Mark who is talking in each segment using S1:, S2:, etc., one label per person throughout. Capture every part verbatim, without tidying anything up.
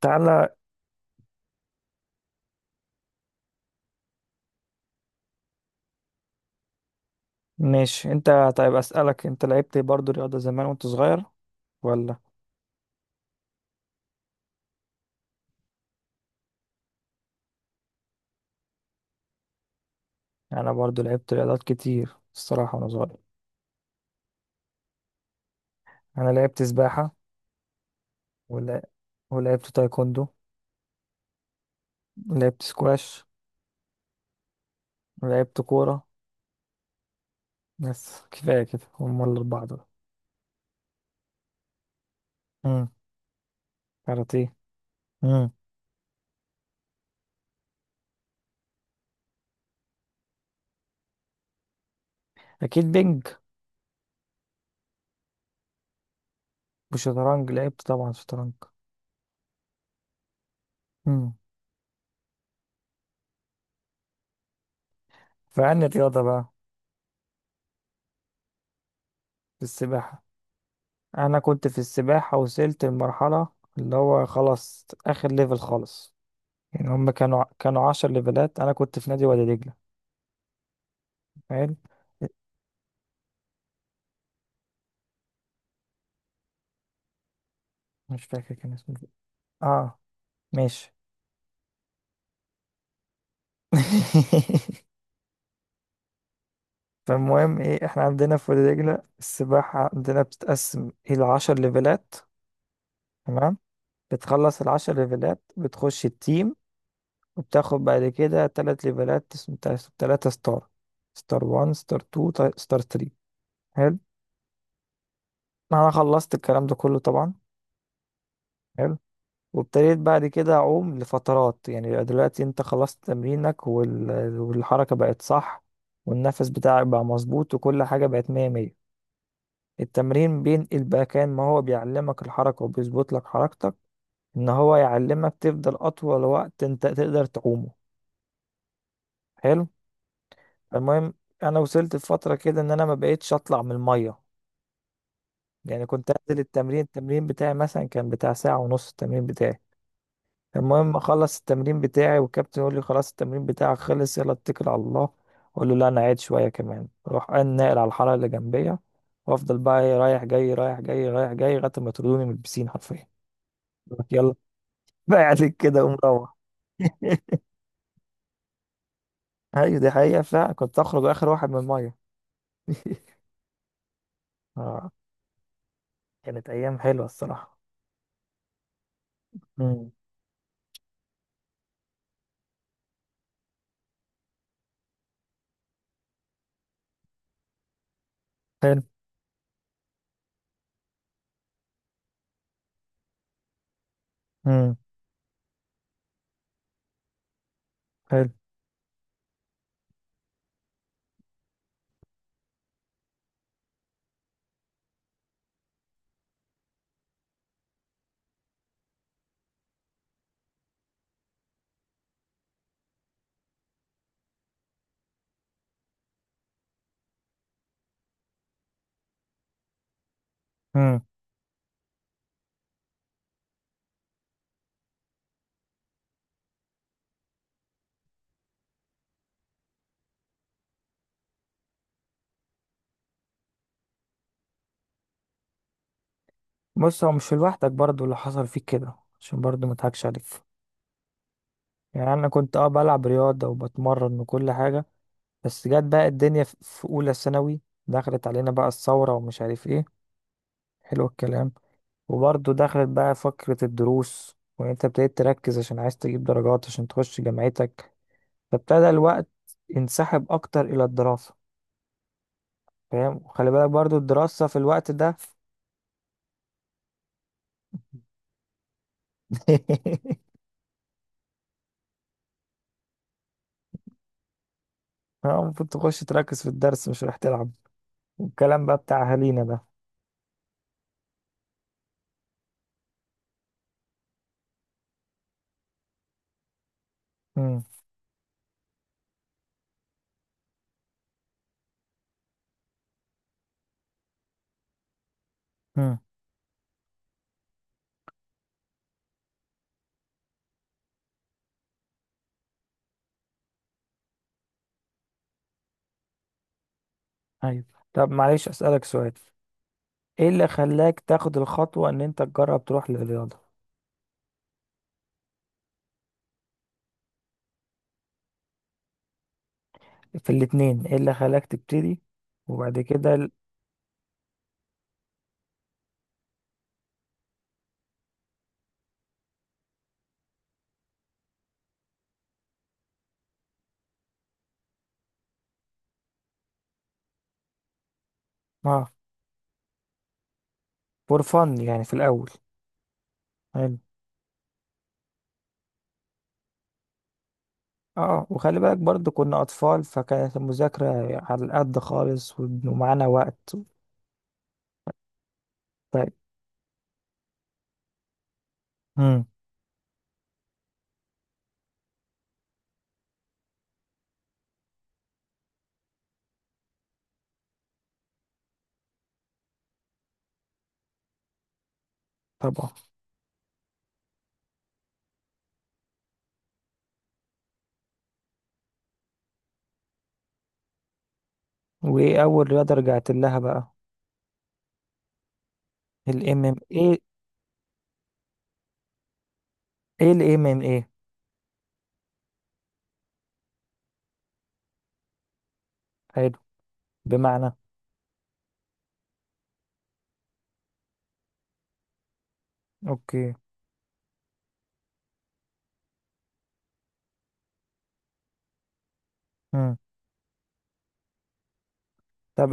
S1: تعالى. ماشي. انت طيب، اسألك انت لعبت برضو رياضة زمان وانت صغير ولا؟ انا برضو لعبت رياضات كتير الصراحة وانا صغير. انا لعبت سباحة، ولا ولعبت تايكوندو، ولعبت سكواش، ولعبت كورة. بس كفاية كده، هم الأربعة دول. امم. كاراتيه. امم. أكيد بينج. وشطرنج لعبت طبعا شطرنج. امم. فعن الرياضة بقى، في السباحة. أنا كنت في السباحة وصلت لمرحلة اللي هو خلاص آخر ليفل خالص. يعني هم كانوا كانوا عشر ليفلات، انا كنت في نادي وادي دجله. حلو. مش فاكر كان اسمه إيه. اه. ماشي. فالمهم ايه، احنا عندنا في وادي دجله السباحه عندنا بتتقسم الى عشر ليفلات. تمام. بتخلص العشر ليفلات بتخش التيم، وبتاخد بعد كده تلات ليفلات اسم- تلاتة تلاتة ستار. ستار واحد، ستار اتنين، تا- ستار تلاتة. حلو. انا خلصت الكلام ده كله طبعا. حلو. وابتديت بعد كده أعوم لفترات، يعني يبقى دلوقتي أنت خلصت تمرينك، وال- والحركة بقت صح والنفس بتاعك بقى مظبوط وكل حاجة بقت مية مية. التمرين بينقل بقى، كان ما هو بيعلمك الحركة وبيظبط لك حركتك، إن هو يعلمك تفضل أطول وقت أنت تقدر تعومه. حلو. المهم، أنا وصلت لفترة كده إن أنا ما بقيتش أطلع من المية. يعني كنت أنزل التمرين التمرين بتاعي مثلا كان بتاع ساعة ونص التمرين بتاعي. المهم اخلص التمرين بتاعي والكابتن يقول لي خلاص التمرين بتاعك خلص، يلا اتكل على الله. اقول له لا انا قاعد شويه كمان، اروح أنا ناقل على الحاره اللي جنبيه، وافضل بقى ايه، رايح جاي رايح جاي رايح جاي لغايه ما يطردوني من البسين حرفيا. يقول لك يلا بقى عليك كده، قوم روح. ايوه دي حقيقه فعلا، كنت اخرج اخر واحد من الميه. اه، كانت ايام حلوه الصراحه. امم. حلو. امم. حلو. امم. بص، هو مش لوحدك برضو اللي حصل فيك كده، عشان برضو ما اضحكش عليك. يعني انا كنت اه بلعب رياضه وبتمرن وكل حاجه، بس جت بقى الدنيا في في اولى ثانوي. دخلت علينا بقى الثوره ومش عارف ايه. حلو الكلام. وبرضه دخلت بقى فكره الدروس، وان انت ابتديت تركز عشان عايز تجيب درجات عشان تخش جامعتك. فابتدى الوقت ينسحب اكتر الى الدراسه. فاهم، وخلي بالك برضه الدراسه في الوقت ده. آه، المفروض تخش تركز في الدرس مش رايح تلعب، والكلام بقى بتاع اهالينا ده. امم. امم. ايوه. طب معلش اسالك سؤال، ايه اللي خلاك تاخد الخطوة ان انت تجرب تروح للرياضة؟ في الاتنين، ايه اللي خلاك تبتدي وبعد كده ال- اه؟ فور فن يعني في الاول. حلو. اه، وخلي بالك برضو كنا اطفال فكانت المذاكرة على القد خالص، وب- ومعانا وقت. طيب. امم. طبعا. وايه اول رياضة رجعت لها بقى؟ الام ام ايه؟ ايه الام ام ايه؟ حلو. بمعنى؟ اوكي. امم. طب.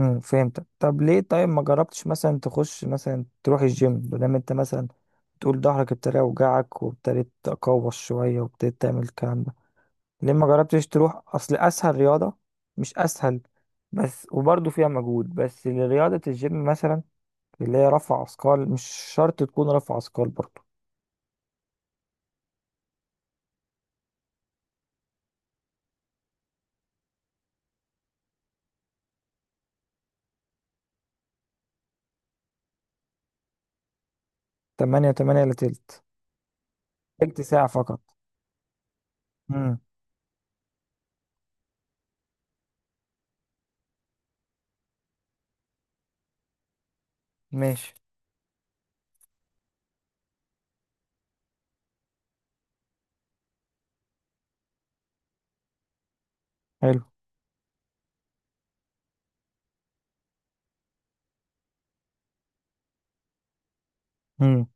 S1: امم فهمتك. طب ليه طيب ما جربتش مثلا تخش مثلا تروح الجيم؟ بدل انت مثلا تقول ظهرك ابتدى يوجعك وابتديت تقوس شوية وابتديت تعمل الكلام ده، ليه ما جربتش تروح؟ اصل اسهل رياضة. مش اسهل، بس وبرضه فيها مجهود، بس لرياضة الجيم مثلا اللي هي رفع اثقال. مش شرط تكون رفع اثقال برضه. تمانية تمانية الا تلت؟ تلت ساعة فقط؟ امم. ماشي. حلو. امم.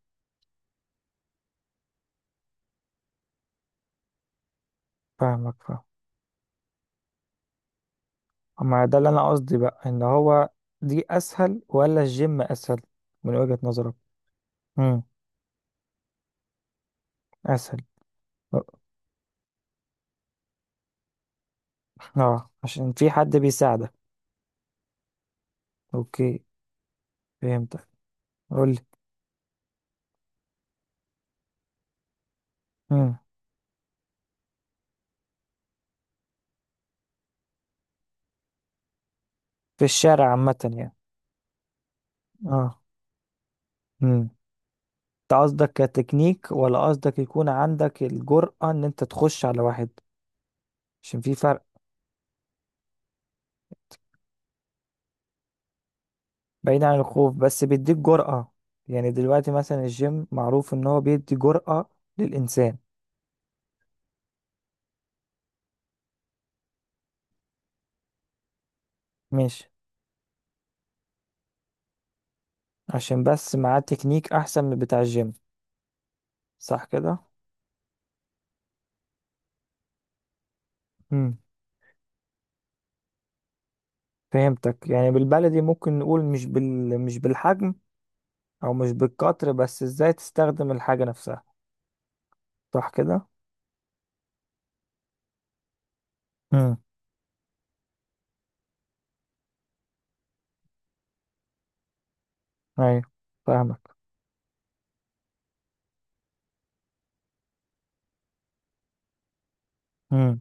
S1: فاهمك فاهمك. ما ده اللي انا قصدي بقى، ان هو دي اسهل ولا الجيم اسهل من وجهة نظرك؟ امم. اسهل. اه. آه، عشان في حد بيساعدك. اوكي. فهمتك. قول لي. امم. في الشارع عامة يعني. اه. امم. انت قصدك كتكنيك ولا قصدك يكون عندك الجرأة ان انت تخش على واحد؟ عشان في فرق. بعيد عن الخوف، بس بيديك جرأة. يعني دلوقتي مثلا الجيم معروف ان هو بيدي جرأة للإنسان. ماشي. عشان بس معاه تكنيك احسن من بتاع الجيم. صح كده؟ امم. فهمتك. يعني بالبلدي ممكن نقول مش بال مش بالحجم، او مش بالقطر، بس ازاي تستخدم الحاجة نفسها. صح كده؟ امم. ايوه. فاهمك. امم.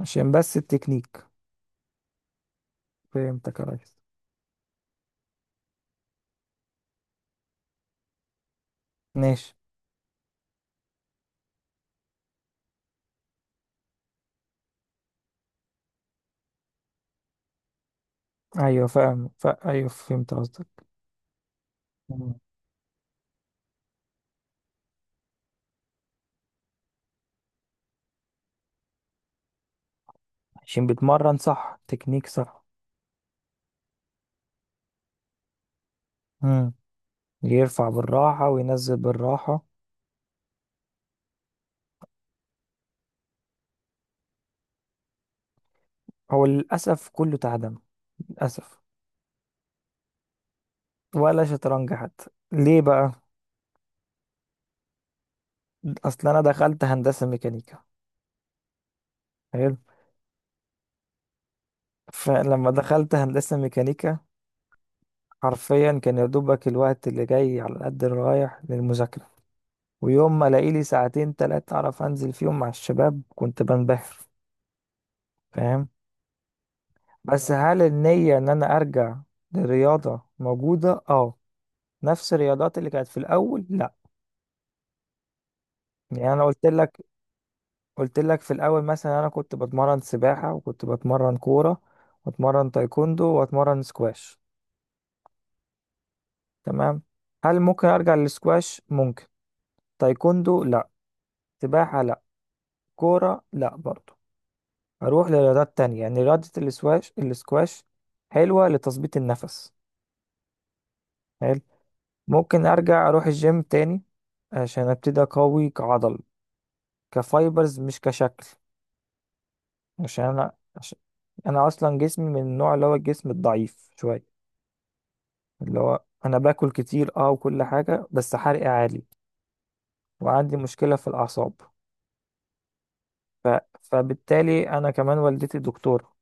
S1: عشان بس التكنيك. فهمتك يا ريس. ماشي. ايوه فاهم، ف... ايوه فهمت قصدك. مم. عشان بيتمرن صح تكنيك صح. امم. يرفع بالراحة وينزل بالراحة. هو للأسف كله تعدم. للأسف. ولا شطرنج حتى. ليه بقى؟ أصل أنا دخلت هندسة ميكانيكا. حلو. فلما دخلت هندسة ميكانيكا، حرفيا كان يا دوبك الوقت اللي جاي على قد اللي رايح للمذاكرة. ويوم ما الاقي لي ساعتين تلاتة اعرف انزل فيهم مع الشباب كنت بنبهر. فاهم. بس هل النية ان انا ارجع للرياضة موجودة؟ اه. نفس الرياضات اللي كانت في الاول؟ لا. يعني انا قلت لك، قلت لك في الاول مثلا انا كنت بتمرن سباحة، وكنت بتمرن كورة، واتمرن تايكوندو، واتمرن سكواش. تمام. هل ممكن ارجع للسكواش؟ ممكن. تايكوندو لا، سباحة لا، كورة لا برضو. هروح لرياضات تانية. يعني رياضة الاسكواش، الاسكواش حلوة لتظبيط النفس. حلو. ممكن ارجع اروح الجيم تاني، عشان ابتدي اقوي كعضل، كفايبرز مش كشكل. عشان انا، عشان انا اصلا جسمي من النوع اللي هو الجسم الضعيف شوية. اللي هو انا باكل كتير اه وكل حاجة، بس حرقي عالي، وعندي مشكلة في الاعصاب. ف... فبالتالي انا كمان، والدتي دكتورة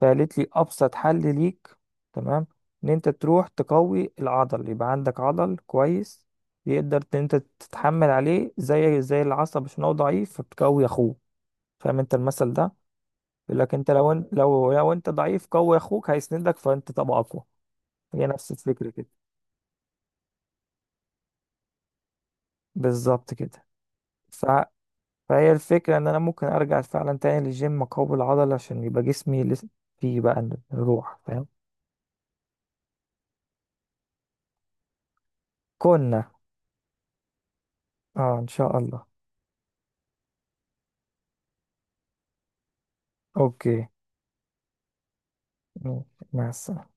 S1: فقالت لي ابسط حل ليك. تمام. ان انت تروح تقوي العضل، يبقى عندك عضل كويس يقدر ان انت تتحمل عليه زي زي العصب، عشان هو ضعيف فبتقوي اخوه. فاهم انت المثل ده؟ يقول لك انت لو انت لو لو انت ضعيف، قوي اخوك هيسندك فانت تبقى اقوى. هي نفس الفكره كده. بالظبط كده. ف... فهي الفكره ان انا ممكن ارجع فعلا تاني للجيم، اقوي العضل عشان يبقى جسمي لسه فيه بقى الروح. فاهم. كنا. اه ان شاء الله. اوكي. مع السلامه.